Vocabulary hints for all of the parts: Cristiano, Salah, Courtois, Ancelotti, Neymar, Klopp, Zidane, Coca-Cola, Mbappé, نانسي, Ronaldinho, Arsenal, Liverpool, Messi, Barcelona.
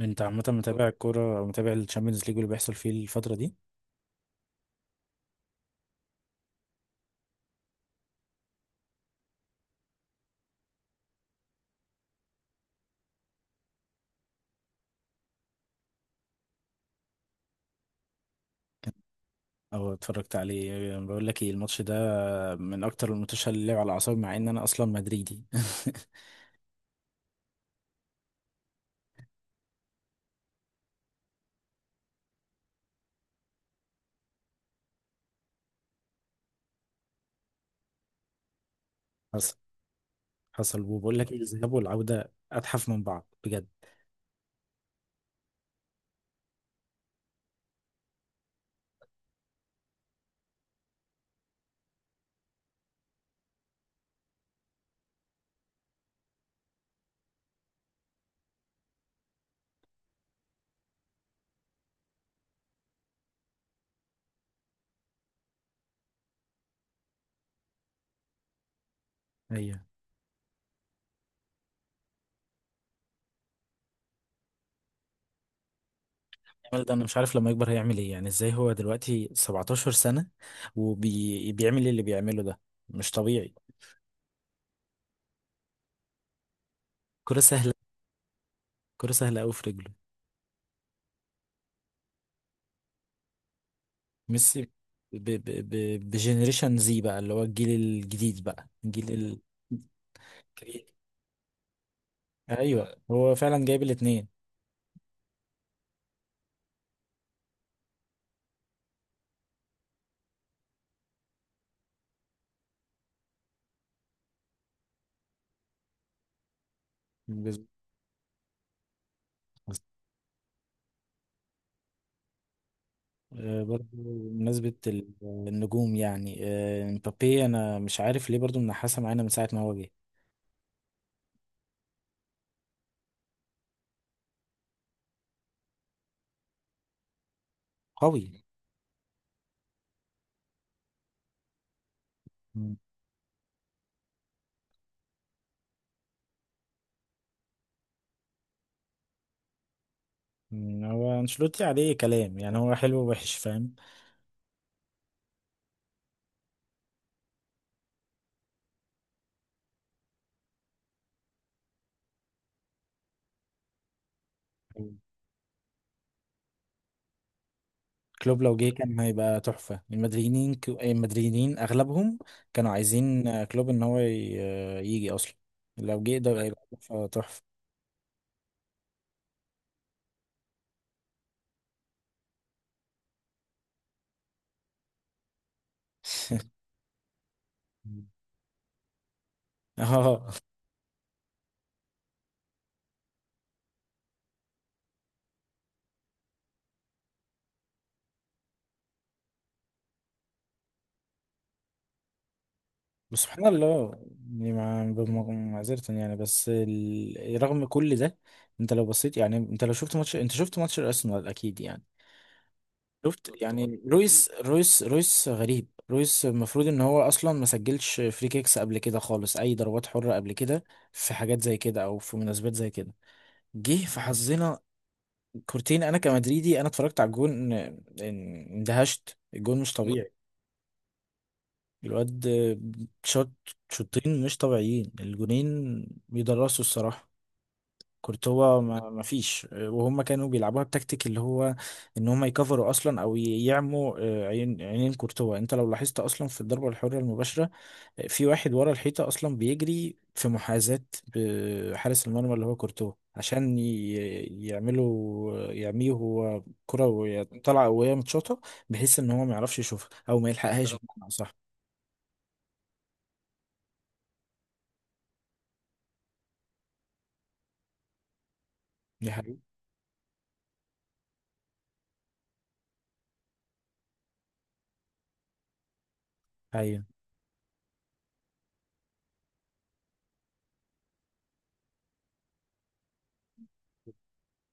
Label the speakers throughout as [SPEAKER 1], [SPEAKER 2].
[SPEAKER 1] انت عامة متابع الكورة او متابع الشامبيونز ليج واللي بيحصل فيه الفترة دي؟ او اتفرجت عليه؟ بقول لك ايه الماتش ده، من اكتر الماتشات اللي لعب على اعصابي مع ان انا اصلا مدريدي. حصل حصل وبقول لك ايه، الذهاب والعودة اتحف من بعض بجد. ايوه. الراجل ده انا مش عارف لما يكبر هيعمل ايه، يعني ازاي هو دلوقتي 17 سنة وبيعمل اللي بيعمله ده؟ مش طبيعي. كرة سهلة، كرة سهلة قوي في رجله. ميسي. ب ب ب بجنريشن زي بقى، اللي هو الجيل الجديد بقى، الجيل ال... ايوه هو فعلا جايب الاثنين. بالظبط. برضه بمناسبة النجوم يعني، مبابي انا مش عارف ليه برضه منحاسة معانا من ساعة ما هو جه. قوي. مم. هو انشيلوتي عليه كلام، يعني هو حلو ووحش فاهم. مم. كلوب لو جه كان هيبقى تحفة. المدريدين، المدريدين اغلبهم كانوا عايزين كلوب ان هو يجي اصلا. لو جه ده هيبقى تحفة تحفة. اه. بس سبحان الله. يعني مع معذرة يعني، بس رغم كل ده انت لو بصيت، يعني انت لو شفت ماتش، انت شفت ماتش الارسنال اكيد، يعني شفت طبعا. يعني رويس غريب. رويس المفروض ان هو اصلا ما سجلش فري كيكس قبل كده خالص، اي ضربات حرة قبل كده، في حاجات زي كده او في مناسبات زي كده. جه في حظنا كورتين. انا كمدريدي انا اتفرجت على الجون، اندهشت. الجون مش لا طبيعي. الواد شوت شوطين مش طبيعيين، الجونين بيدرسوا الصراحة. كورتوا ما فيش، وهم كانوا بيلعبوها بتكتيك اللي هو ان هم يكفروا اصلا او يعموا، عين، عينين كورتوا. انت لو لاحظت اصلا في الضربة الحرة المباشرة، في واحد ورا الحيطة اصلا بيجري في محاذاة بحارس المرمى اللي هو كورتوا، عشان يعملوا يعميه هو، كرة وهي طالعة وهي متشاطة بحيث ان هو ما يعرفش يشوفها او ما يلحقهاش بمعنى صح. دي حقيقة. ايوه.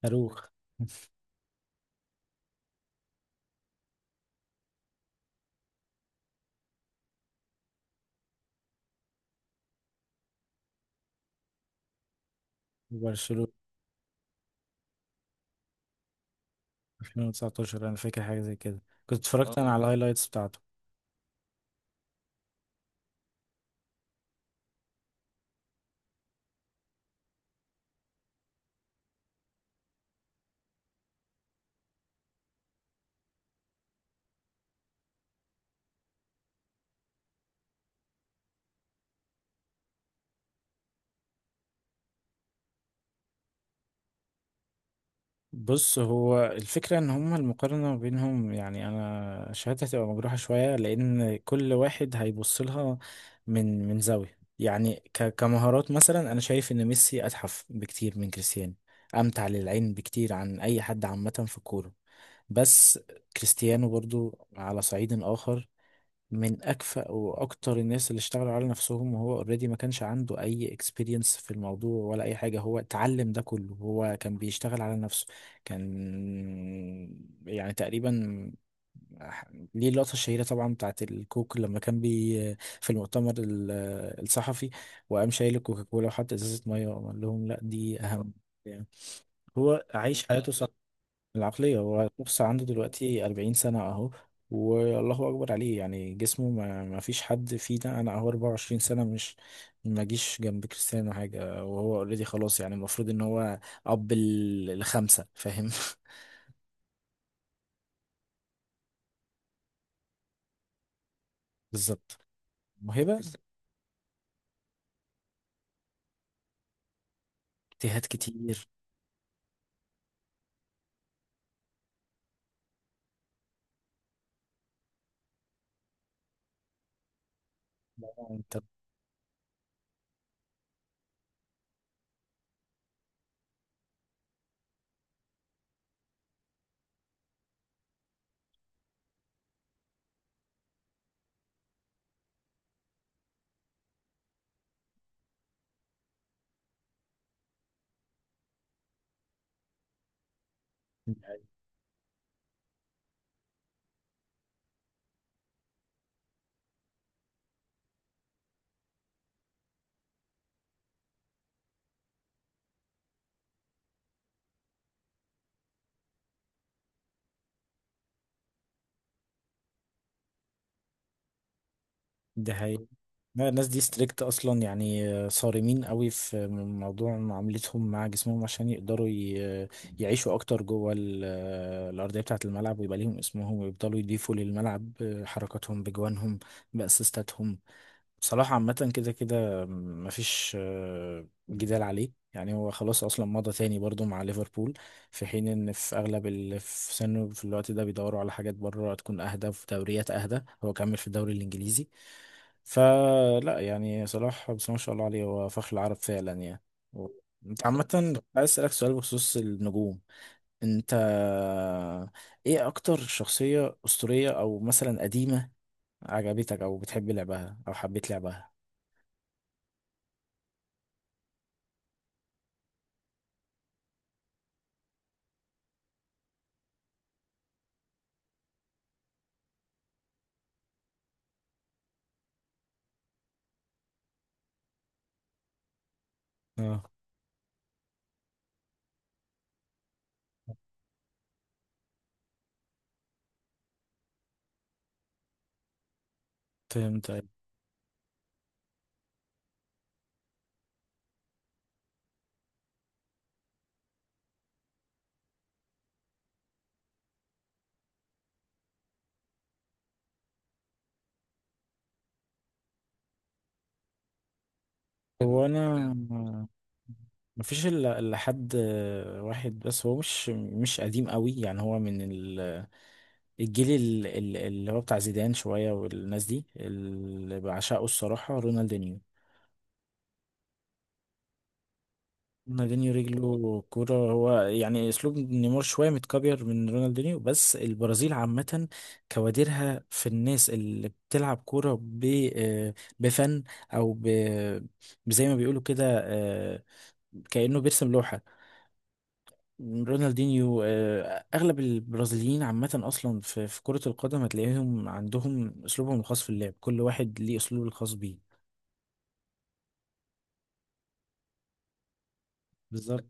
[SPEAKER 1] صاروخ. برشلونة 2019، انا فاكر حاجه زي كده، كنت اتفرجت انا اه على الهايلايتس بتاعته. بص هو الفكره ان هما المقارنه ما بينهم، يعني انا شهادتي هتبقى مجروحه شويه، لان كل واحد هيبص لها من زاويه، يعني كمهارات مثلا انا شايف ان ميسي اتحف بكتير من كريستيانو، امتع للعين بكتير عن اي حد عامه في الكوره. بس كريستيانو برضو على صعيد اخر، من اكفأ واكتر الناس اللي اشتغلوا على نفسهم، وهو اوريدي ما كانش عنده اي اكسبيرينس في الموضوع ولا اي حاجه، هو اتعلم ده كله، هو كان بيشتغل على نفسه. كان يعني تقريبا، ليه اللقطة الشهيرة طبعا بتاعت الكوك لما كان بي في المؤتمر الصحفي وقام شايل الكوكاكولا وحط ازازة مية وقام قال لهم لا دي أهم. يعني هو عايش حياته صح. العقلية. هو بص عنده دلوقتي 40 سنة أهو. والله أكبر عليه، يعني جسمه ما فيش حد فينا. أنا أهو 24 سنة مش ما جيش جنب كريستيانو حاجة، وهو أوريدي خلاص، يعني المفروض إن هو أب الخمسة، فاهم. بالظبط. موهبة. اجتهاد كتير. لا، أنت. ده. لا، الناس دي ستريكت اصلا، يعني صارمين قوي في موضوع معاملتهم مع جسمهم عشان يقدروا يعيشوا اكتر جوه الارضيه بتاعه الملعب، ويبقى ليهم اسمهم ويفضلوا يضيفوا للملعب حركاتهم بجوانهم، باسيستاتهم. بصراحة عامة كده كده مفيش جدال عليه، يعني هو خلاص أصلا مضى تاني برضو مع ليفربول، في حين إن في أغلب اللي في سنه في الوقت ده بيدوروا على حاجات بره تكون أهدى، في دوريات أهدى. هو كمل في الدوري الإنجليزي. فلا يعني صلاح بس، ما شاء الله عليه هو فخر العرب فعلا يعني. و- انت عامة كنت عايز اسألك سؤال بخصوص النجوم. انت ايه اكتر شخصية اسطورية او مثلا قديمة عجبتك او بتحب لعبها او حبيت لعبها؟ اه، فهمت أيوة. هو انا مفيش الا إلا حد واحد بس، هو مش قديم قوي يعني، هو من الجيل اللي هو بتاع زيدان شوية، والناس دي اللي بعشقه الصراحة رونالدينيو. رونالدينيو رجله كورة هو، يعني اسلوب نيمار شوية متكبر من رونالدينيو. بس البرازيل عامة كوادرها في الناس اللي بتلعب كورة بفن، او زي ما بيقولوا كده كأنه بيرسم لوحة. رونالدينيو. أغلب البرازيليين عامة أصلا في كرة القدم هتلاقيهم عندهم أسلوبهم الخاص في اللعب، كل واحد ليه أسلوبه الخاص بيه. بالظبط.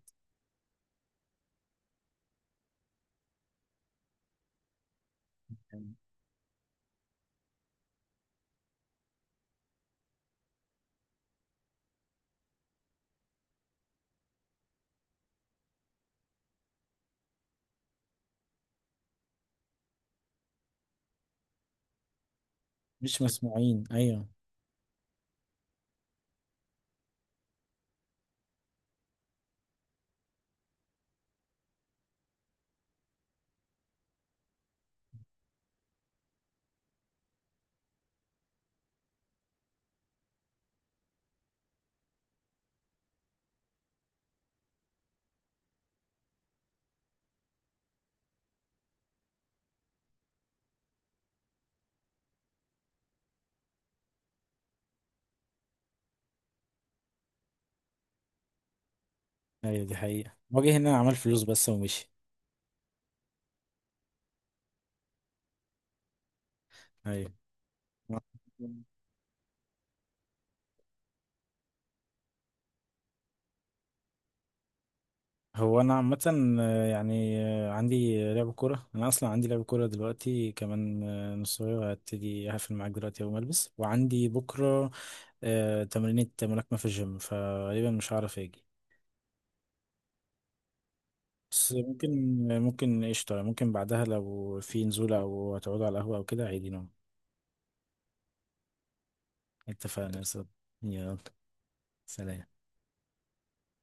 [SPEAKER 1] يعني مش مسموعين. أيوه. أيوه، دي حقيقة، وجه هنا عمل فلوس بس ومشي. أيوه. هو أنا عامة يعني عندي لعب كورة، أنا أصلا عندي لعب كورة دلوقتي، كمان نص ساعة هبتدي، هقفل معاك دلوقتي أول ما ألبس، وعندي بكرة تمرينة ملاكمة في الجيم، فغالبا مش هعرف أجي. بس ممكن قشطة، ممكن بعدها لو في نزولة أو هتقعدوا على القهوة أو كده عادي نوم. اتفقنا يا صاحبي. يلا، سلام.